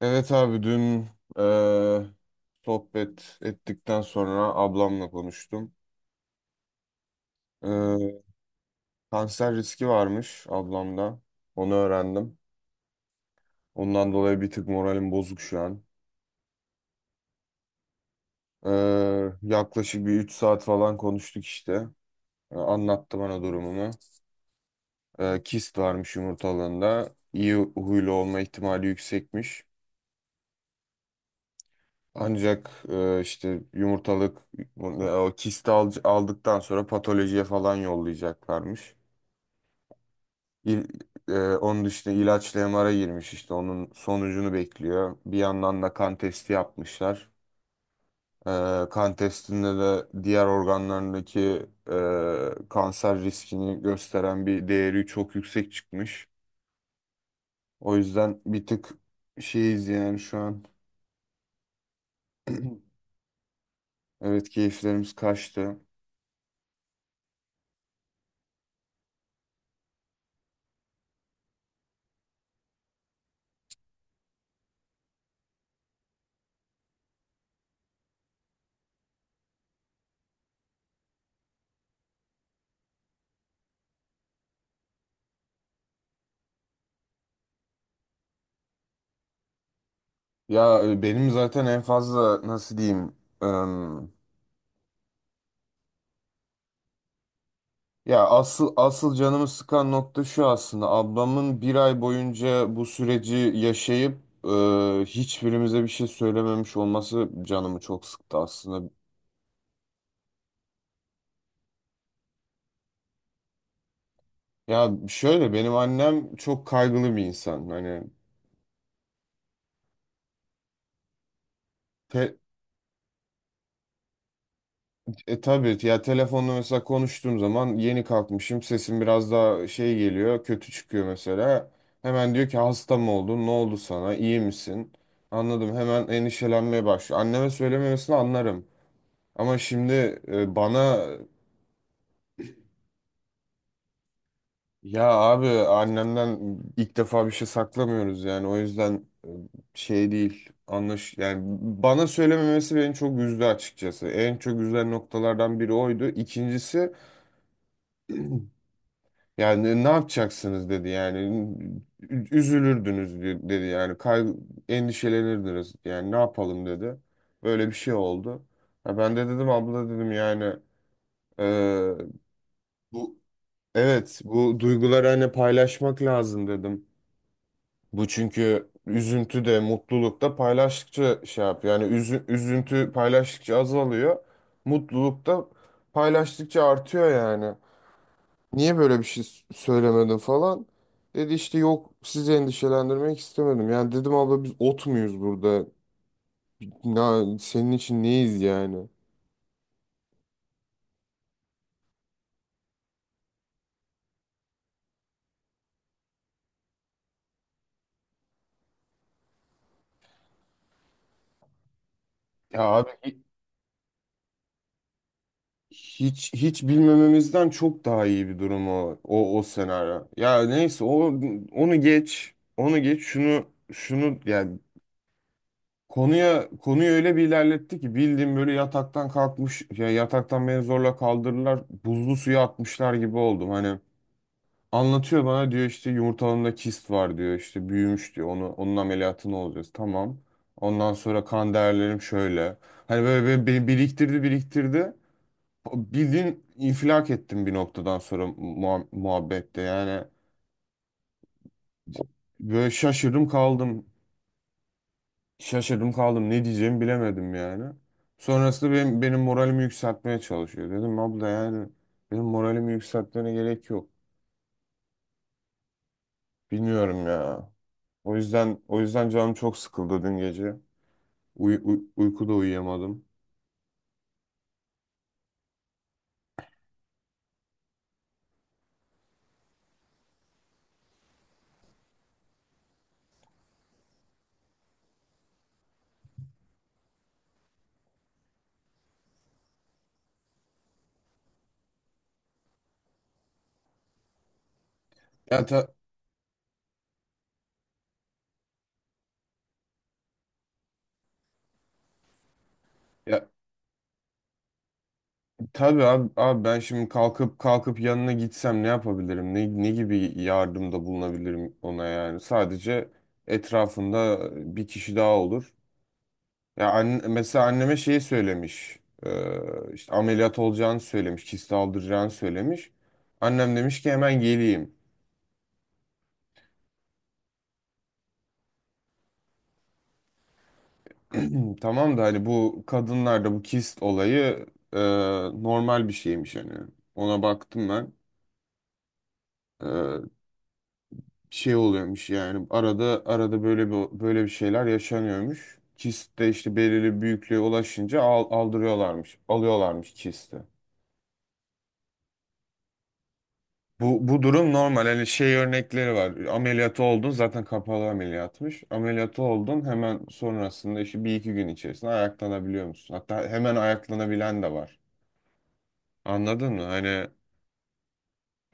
Evet abi, dün eee, sohbet ettikten sonra ablamla konuştum. Eee, Kanser riski varmış ablamda. Onu öğrendim. Ondan dolayı bir tık moralim bozuk şu an. Yaklaşık bir 3 saat falan konuştuk işte. Anlattı bana durumunu. Kist varmış yumurtalığında. İyi huylu olma ihtimali yüksekmiş. Ancak işte yumurtalık o kisti aldıktan sonra patolojiye falan yollayacaklarmış. İl, Onun işte ilaçlı MR'a girmiş, işte onun sonucunu bekliyor. Bir yandan da kan testi yapmışlar. E, Kan testinde de diğer organlarındaki kanser riskini gösteren bir değeri çok yüksek çıkmış. O yüzden bir tık şeyiz yani şu an. Evet, keyiflerimiz kaçtı. Ya benim zaten en fazla nasıl diyeyim... Ya, asıl asıl canımı sıkan nokta şu aslında. Ablamın bir ay boyunca bu süreci yaşayıp e, hiçbirimize bir şey söylememiş olması canımı çok sıktı aslında. Ya şöyle, benim annem çok kaygılı bir insan. Hani, te, tabii ya, telefonla mesela konuştuğum zaman yeni kalkmışım, sesim biraz daha şey geliyor, kötü çıkıyor mesela. Hemen diyor ki hasta mı oldun? Ne oldu sana? İyi misin? Anladım. Hemen endişelenmeye başlıyor. Anneme söylememesini anlarım. Ama şimdi bana, ya abi, annemden ilk defa bir şey saklamıyoruz yani. O yüzden şey değil anlaş yani, bana söylememesi beni çok üzdü açıkçası. En çok üzen noktalardan biri oydu. İkincisi yani, ne yapacaksınız dedi yani. Üzülürdünüz dedi yani, endişelenirdiniz yani, ne yapalım dedi. Böyle bir şey oldu. Ha, ben de dedim abla, dedim yani e, bu evet, bu duyguları hani paylaşmak lazım dedim. Bu çünkü üzüntü de mutluluk da paylaştıkça şey yapıyor. Yani üzüntü paylaştıkça azalıyor. Mutluluk da paylaştıkça artıyor yani. Niye böyle bir şey söylemedin falan? Dedi işte yok, sizi endişelendirmek istemedim. Yani dedim abla, biz ot muyuz burada? Ya senin için neyiz yani? Ya abi. Hiç hiç bilmememizden çok daha iyi bir durum o senaryo. Ya neyse, onu geç. Onu geç şunu yani, konuya konuyu öyle bir ilerletti ki, bildiğim böyle yataktan kalkmış ya, yataktan beni zorla kaldırırlar buzlu suya atmışlar gibi oldum. Hani anlatıyor bana, diyor işte yumurtalığımda kist var diyor, işte büyümüş diyor, onun ameliyatını olacağız tamam. Ondan sonra kan değerlerim şöyle. Hani böyle, böyle beni biriktirdi biriktirdi. Bildiğin infilak ettim bir noktadan sonra muhabbette yani. Böyle şaşırdım kaldım. Şaşırdım kaldım. Ne diyeceğimi bilemedim yani. Sonrasında benim moralimi yükseltmeye çalışıyor. Dedim abla yani, benim moralimi yükseltmene gerek yok. Bilmiyorum ya. O yüzden canım çok sıkıldı dün gece. Uykuda uyuyamadım. Ya, ta- ya, tabii abi ben şimdi kalkıp kalkıp yanına gitsem ne yapabilirim? Ne gibi yardımda bulunabilirim ona yani? Sadece etrafında bir kişi daha olur. Ya, mesela anneme şeyi söylemiş. İşte ameliyat olacağını söylemiş. Kist aldıracağını söylemiş. Annem demiş ki hemen geleyim. Tamam da hani bu kadınlarda bu kist olayı e, normal bir şeymiş hani. Ona baktım ben. Şey oluyormuş yani arada arada böyle bir şeyler yaşanıyormuş. Kist de işte belirli büyüklüğe ulaşınca aldırıyorlarmış, alıyorlarmış kisti. Bu durum normal. Hani şey örnekleri var. Ameliyatı oldun zaten, kapalı ameliyatmış. Ameliyatı oldun hemen sonrasında işte bir iki gün içerisinde ayaklanabiliyor musun? Hatta hemen ayaklanabilen de var. Anladın mı? Hani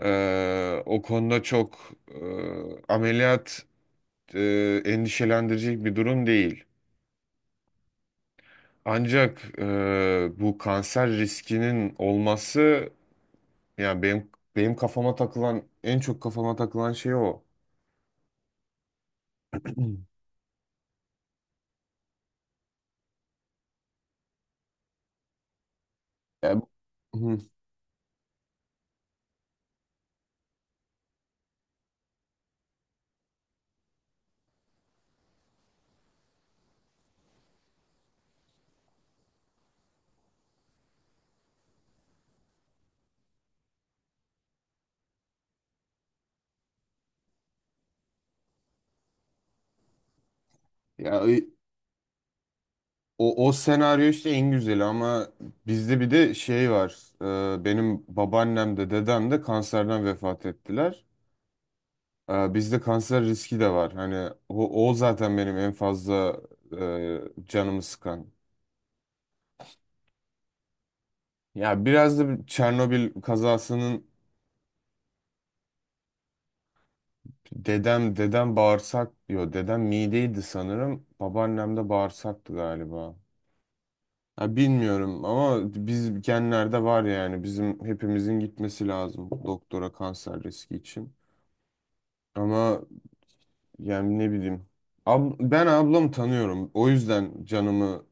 o konuda çok ameliyat endişelendirecek bir durum değil. Ancak bu kanser riskinin olması yani, benim kafama takılan, en çok kafama takılan şey o. Ya, hı, ya o senaryo işte en güzeli, ama bizde bir de şey var. Benim babaannem de dedem de kanserden vefat ettiler. Bizde kanser riski de var. Hani o zaten benim en fazla e, canımı sıkan. Ya biraz da Çernobil kazasının... Dedem bağırsak diyor. Dedem mideydi sanırım. Babaannem de bağırsaktı galiba. Ha, bilmiyorum ama biz genlerde var yani, bizim hepimizin gitmesi lazım doktora kanser riski için. Ama yani, ne bileyim. Ben ablamı tanıyorum. O yüzden canımı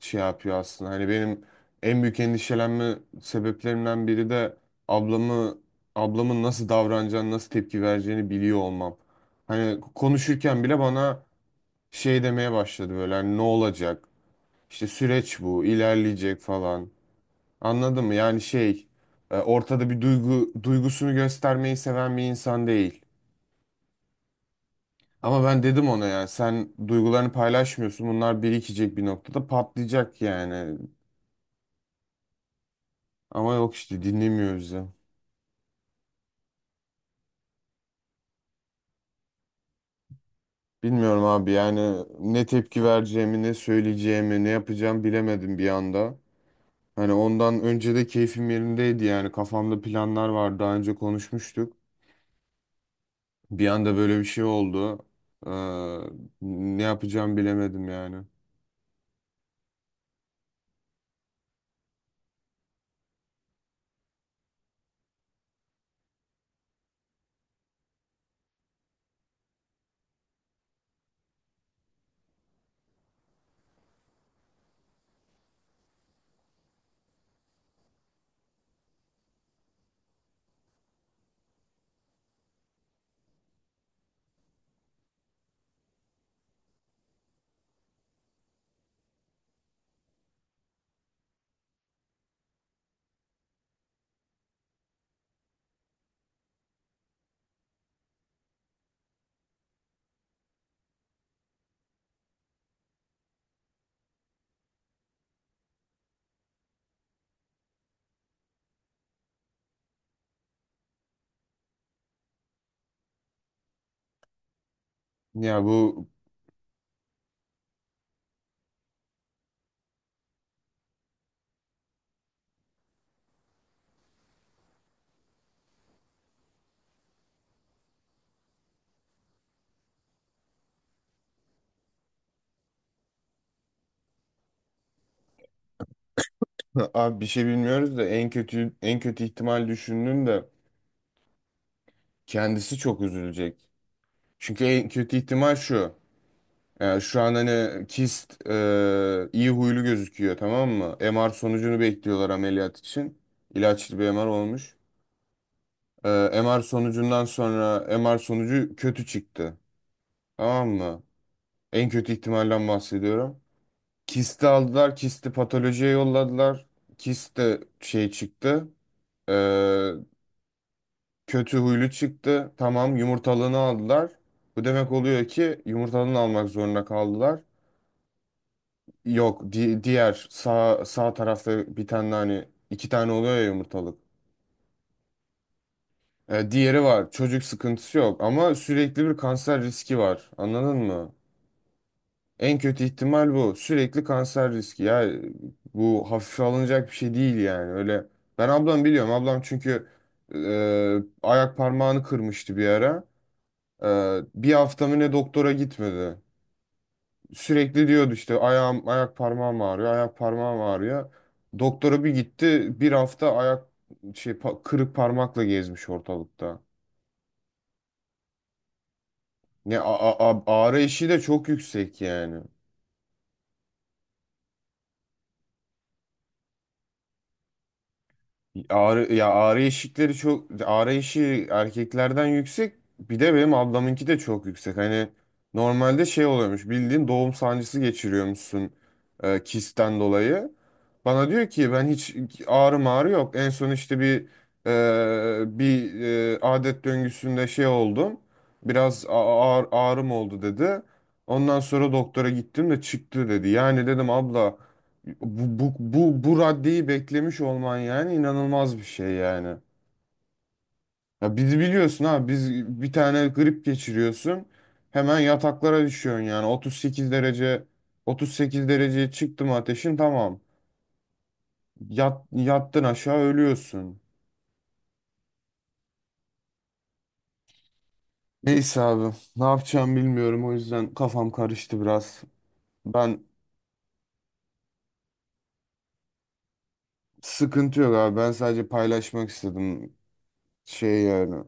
şey yapıyor aslında. Hani benim en büyük endişelenme sebeplerimden biri de ablamı ablamın nasıl davranacağını, nasıl tepki vereceğini biliyor olmam. Hani konuşurken bile bana şey demeye başladı, böyle hani ne olacak? İşte süreç bu, ilerleyecek falan. Anladın mı? Yani ortada bir duygusunu göstermeyi seven bir insan değil. Ama ben dedim ona yani, sen duygularını paylaşmıyorsun. Bunlar birikecek, bir noktada patlayacak yani. Ama yok işte, dinlemiyor bizi. Bilmiyorum abi yani, ne tepki vereceğimi, ne söyleyeceğimi, ne yapacağım bilemedim bir anda. Hani ondan önce de keyfim yerindeydi yani, kafamda planlar vardı, daha önce konuşmuştuk. Bir anda böyle bir şey oldu. Ee, Ne yapacağımı bilemedim yani. Ya bu... Abi, bir şey bilmiyoruz da, en kötü ihtimal düşündüm de, kendisi çok üzülecek. Çünkü en kötü ihtimal şu. Yani şu an hani kist iyi huylu gözüküyor, tamam mı? MR sonucunu bekliyorlar ameliyat için. İlaçlı bir MR olmuş. E, MR sonucundan sonra, MR sonucu kötü çıktı. Tamam mı? En kötü ihtimalden bahsediyorum. Kisti aldılar, kisti patolojiye yolladılar. Kist de şey çıktı. e, Kötü huylu çıktı. Tamam, yumurtalığını aldılar. Bu demek oluyor ki yumurtalığını almak zorunda kaldılar. Yok, diğer, sağ tarafta bir tane, hani iki tane oluyor ya yumurtalık. Diğeri var. Çocuk sıkıntısı yok ama sürekli bir kanser riski var. Anladın mı? En kötü ihtimal bu. Sürekli kanser riski. Ya, bu hafife alınacak bir şey değil yani. Öyle. Ben ablam biliyorum. Ablam çünkü e, ayak parmağını kırmıştı bir ara. Bir hafta mı ne, doktora gitmedi. Sürekli diyordu işte, ayağım, ayak parmağım ağrıyor, ayak parmağım ağrıyor. Doktora bir gitti. Bir hafta ayak, kırık parmakla gezmiş ortalıkta. Ne, ağrı eşiği de çok yüksek yani. Ağrı, ya, ağrı eşikleri çok, ağrı eşiği erkeklerden yüksek, bir de benim ablamınki de çok yüksek hani, normalde şey oluyormuş, bildiğin doğum sancısı geçiriyormuşsun kistten dolayı, bana diyor ki ben hiç ağrı mağrı yok, en son işte bir adet döngüsünde şey oldum, biraz ağrım oldu dedi, ondan sonra doktora gittim de çıktı dedi yani, dedim abla, bu raddeyi beklemiş olman yani, inanılmaz bir şey yani. Ya bizi biliyorsun ha, biz bir tane grip geçiriyorsun, hemen yataklara düşüyorsun yani, 38 derece, 38 dereceye çıktı mı ateşin tamam. Yattın aşağı ölüyorsun. Neyse abi, ne yapacağım bilmiyorum, o yüzden kafam karıştı biraz. Ben Sıkıntı yok abi, ben sadece paylaşmak istedim şey yani.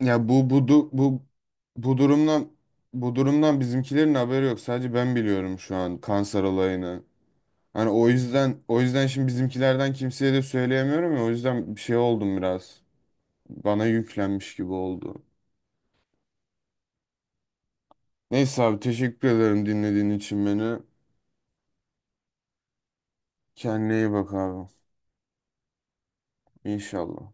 Ya, bu durumdan bizimkilerin haberi yok. Sadece ben biliyorum şu an kanser olayını. Hani o yüzden şimdi bizimkilerden kimseye de söyleyemiyorum ya. O yüzden bir şey oldum biraz. Bana yüklenmiş gibi oldu. Neyse abi, teşekkür ederim dinlediğin için beni. Kendine iyi bak abi. İnşallah.